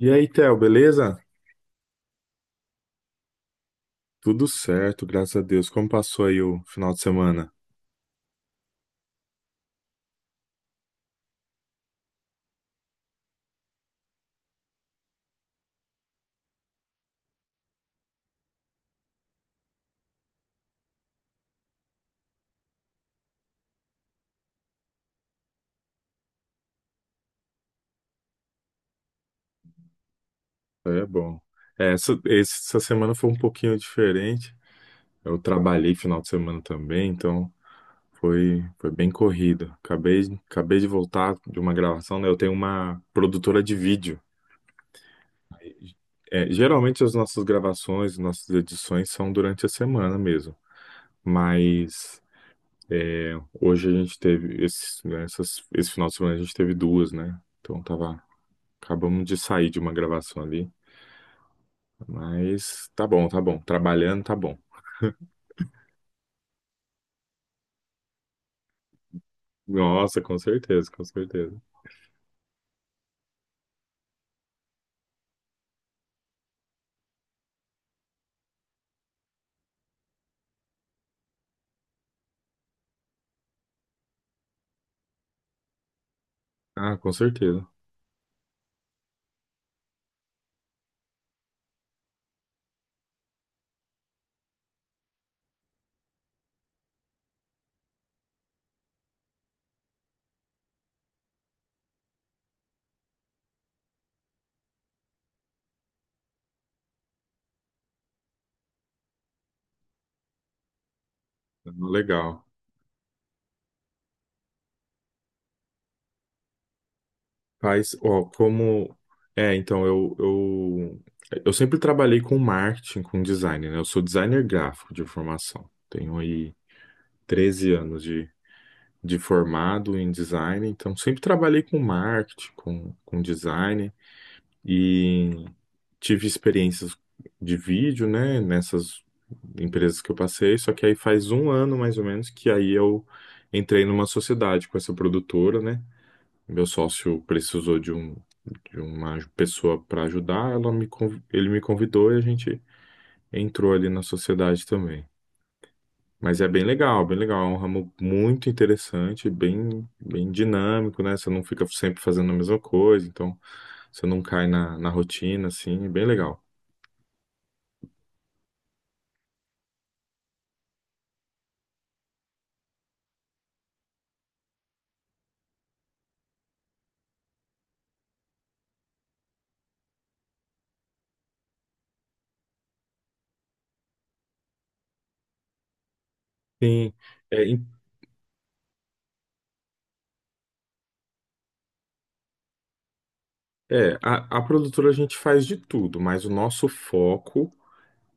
E aí, Theo, beleza? Tudo certo, graças a Deus. Como passou aí o final de semana? É bom. Essa semana foi um pouquinho diferente. Eu trabalhei final de semana também, então foi bem corrido. Acabei de voltar de uma gravação, né? Eu tenho uma produtora de vídeo. Geralmente as nossas gravações, nossas edições são durante a semana mesmo. Mas hoje a gente teve, esse, né, essas- esse final de semana a gente teve duas, né? Então tava Acabamos de sair de uma gravação ali, mas tá bom, tá bom. Trabalhando, tá bom. Nossa, com certeza, com certeza. Ah, com certeza. Legal. Faz, ó, como. Então, eu sempre trabalhei com marketing, com design, né? Eu sou designer gráfico de formação. Tenho aí 13 anos de formado em design, então sempre trabalhei com marketing, com design. E tive experiências de vídeo, né, nessas empresas que eu passei, só que aí faz um ano mais ou menos que aí eu entrei numa sociedade com essa produtora, né? Meu sócio precisou de uma pessoa para ajudar, ele me convidou e a gente entrou ali na sociedade também. Mas é bem legal, é um ramo muito interessante, bem bem dinâmico, né? Você não fica sempre fazendo a mesma coisa, então você não cai na rotina, assim, é bem legal. Sim, é, É, a, a produtora a gente faz de tudo, mas o nosso foco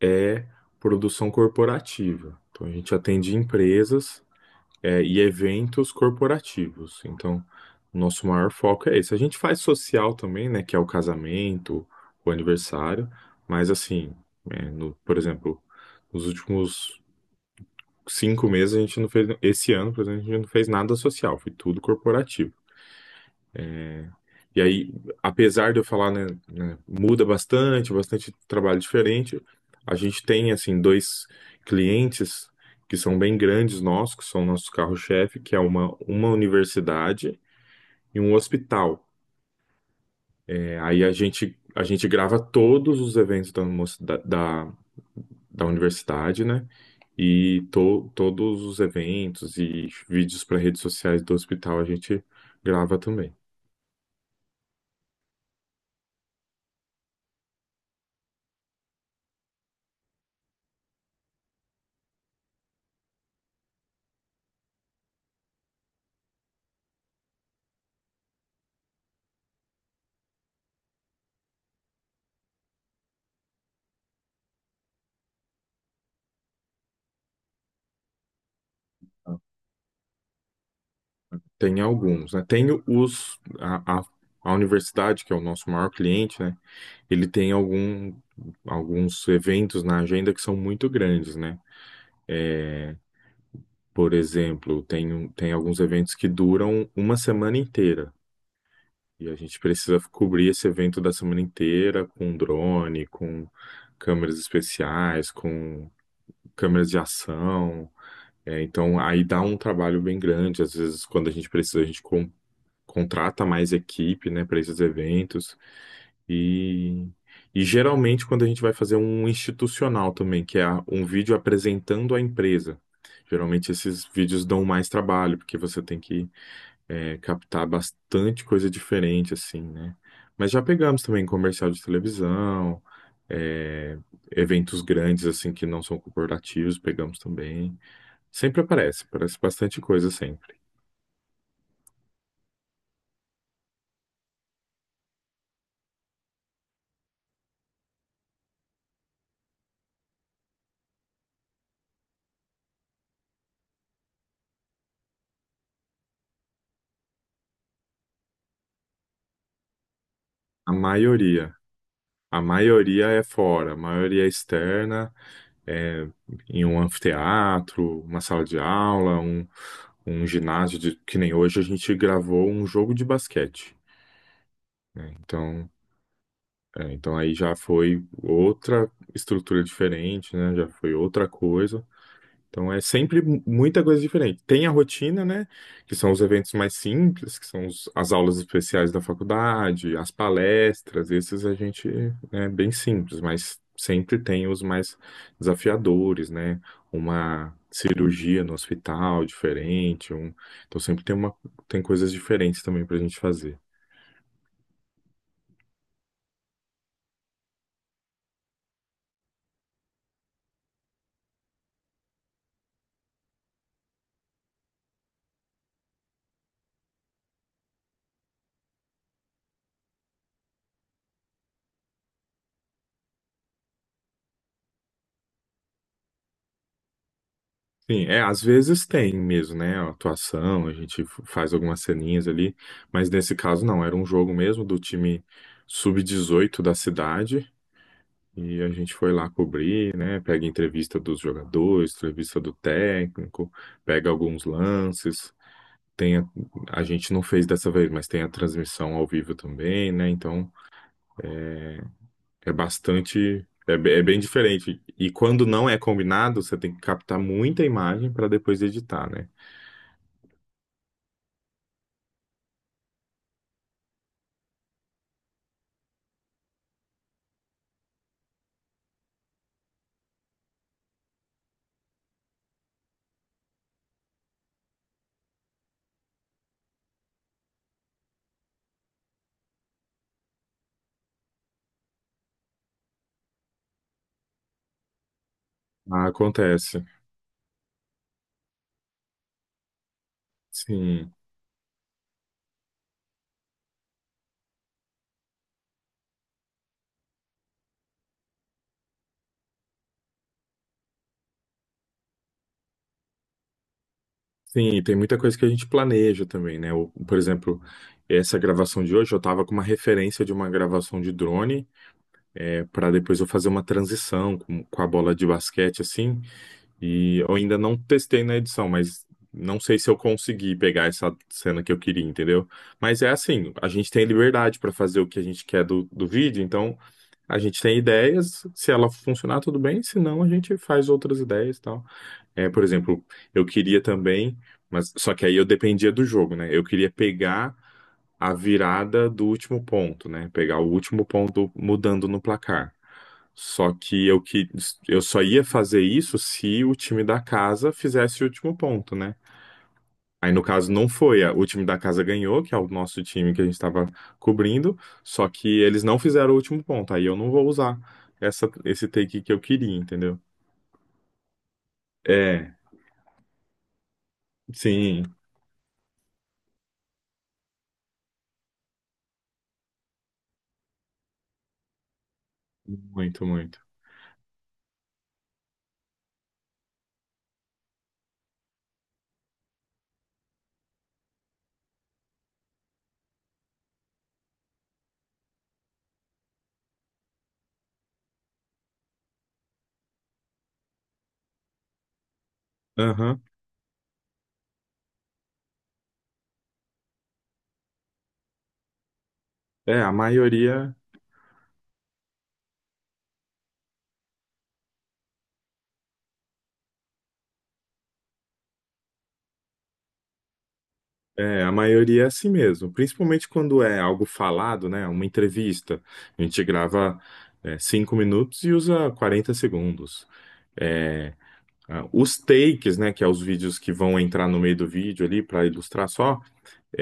é produção corporativa. Então a gente atende empresas, e eventos corporativos. Então, nosso maior foco é esse. A gente faz social também, né, que é o casamento, o aniversário, mas assim, por exemplo, nos últimos 5 meses a gente não fez, esse ano, por exemplo, a gente não fez nada social, foi tudo corporativo. E aí, apesar de eu falar, né, muda bastante, bastante trabalho diferente, a gente tem, assim, dois clientes que são bem grandes nossos, que são nosso carro-chefe, que é uma universidade e um hospital. Aí a gente grava todos os eventos da, moci- da, da, da universidade, né? E todos os eventos e vídeos para redes sociais do hospital a gente grava também. Tem alguns, né? Tem a universidade, que é o nosso maior cliente, né? Ele tem alguns eventos na agenda que são muito grandes, né? Por exemplo, tem alguns eventos que duram uma semana inteira. E a gente precisa cobrir esse evento da semana inteira com drone, com câmeras especiais, com câmeras de ação. Então, aí dá um trabalho bem grande. Às vezes, quando a gente precisa, a gente contrata mais equipe, né, para esses eventos. E geralmente quando a gente vai fazer um institucional também, que é um vídeo apresentando a empresa. Geralmente esses vídeos dão mais trabalho, porque você tem que captar bastante coisa diferente, assim, né? Mas já pegamos também comercial de televisão, é, eventos grandes, assim, que não são corporativos, pegamos também. Sempre aparece bastante coisa sempre. A maioria. A maioria é fora, a maioria é externa. é, Em um anfiteatro, uma sala de aula, um ginásio, que nem hoje a gente gravou um jogo de basquete, né? Então, aí já foi outra estrutura diferente, né? Já foi outra coisa. Então é sempre muita coisa diferente. Tem a rotina, né? Que são os eventos mais simples, que são as aulas especiais da faculdade, as palestras, esses a gente é bem simples, mas sempre tem os mais desafiadores, né? Uma cirurgia no hospital diferente, um... Então sempre tem uma tem coisas diferentes também para a gente fazer. Às vezes tem mesmo, né? A atuação, a gente faz algumas ceninhas ali, mas nesse caso não, era um jogo mesmo do time sub 18 da cidade e a gente foi lá cobrir, né? Pega entrevista dos jogadores, entrevista do técnico, pega alguns lances. Tem a, a gente não fez dessa vez, mas tem a transmissão ao vivo também, né? Então é bastante, é bem diferente. E quando não é combinado, você tem que captar muita imagem para depois editar, né? Ah, acontece. Sim, sim, e tem muita coisa que a gente planeja também, né? Por exemplo, essa gravação de hoje, eu tava com uma referência de uma gravação de drone, para depois eu fazer uma transição com a bola de basquete, assim, e eu ainda não testei na edição, mas não sei se eu consegui pegar essa cena que eu queria, entendeu? Mas é assim, a gente tem liberdade para fazer o que a gente quer do vídeo, então a gente tem ideias, se ela funcionar, tudo bem, se não, a gente faz outras ideias e tal. Por exemplo, eu queria também, mas só que aí eu dependia do jogo, né? Eu queria pegar a virada do último ponto, né? Pegar o último ponto mudando no placar. Só que eu só ia fazer isso se o time da casa fizesse o último ponto, né? Aí no caso não foi, o time da casa ganhou, que é o nosso time que a gente estava cobrindo, só que eles não fizeram o último ponto. Aí eu não vou usar esse take que eu queria, entendeu? É, sim, muito, muito. Aham. É, a maioria, a maioria é assim mesmo, principalmente quando é algo falado, né? Uma entrevista. A gente grava, 5 minutos e usa 40 segundos. É, os takes, né? Que é os vídeos que vão entrar no meio do vídeo ali para ilustrar só.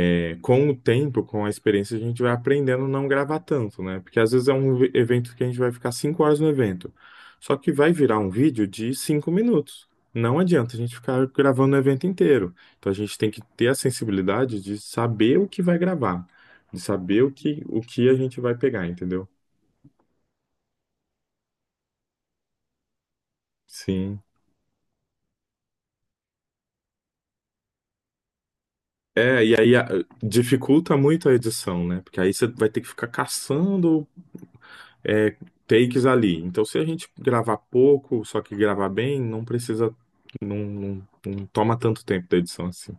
Com o tempo, com a experiência, a gente vai aprendendo a não gravar tanto, né? Porque às vezes é um evento que a gente vai ficar 5 horas no evento. Só que vai virar um vídeo de 5 minutos. Não adianta a gente ficar gravando o evento inteiro. Então a gente tem que ter a sensibilidade de saber o que vai gravar, de saber o que a gente vai pegar, entendeu? Sim. E aí dificulta muito a edição, né? Porque aí você vai ter que ficar caçando é, takes ali. Então, se a gente gravar pouco, só que gravar bem, não precisa, não, não, não toma tanto tempo da edição assim.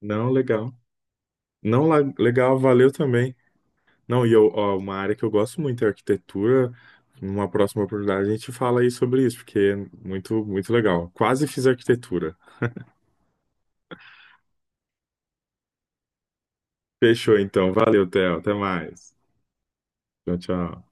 Não, legal. Não, legal, valeu também. Não, e eu, ó, uma área que eu gosto muito é arquitetura. Numa próxima oportunidade a gente fala aí sobre isso, porque é muito, muito legal. Quase fiz arquitetura. Fechou então. Valeu, Theo. Até mais. Tchau, tchau.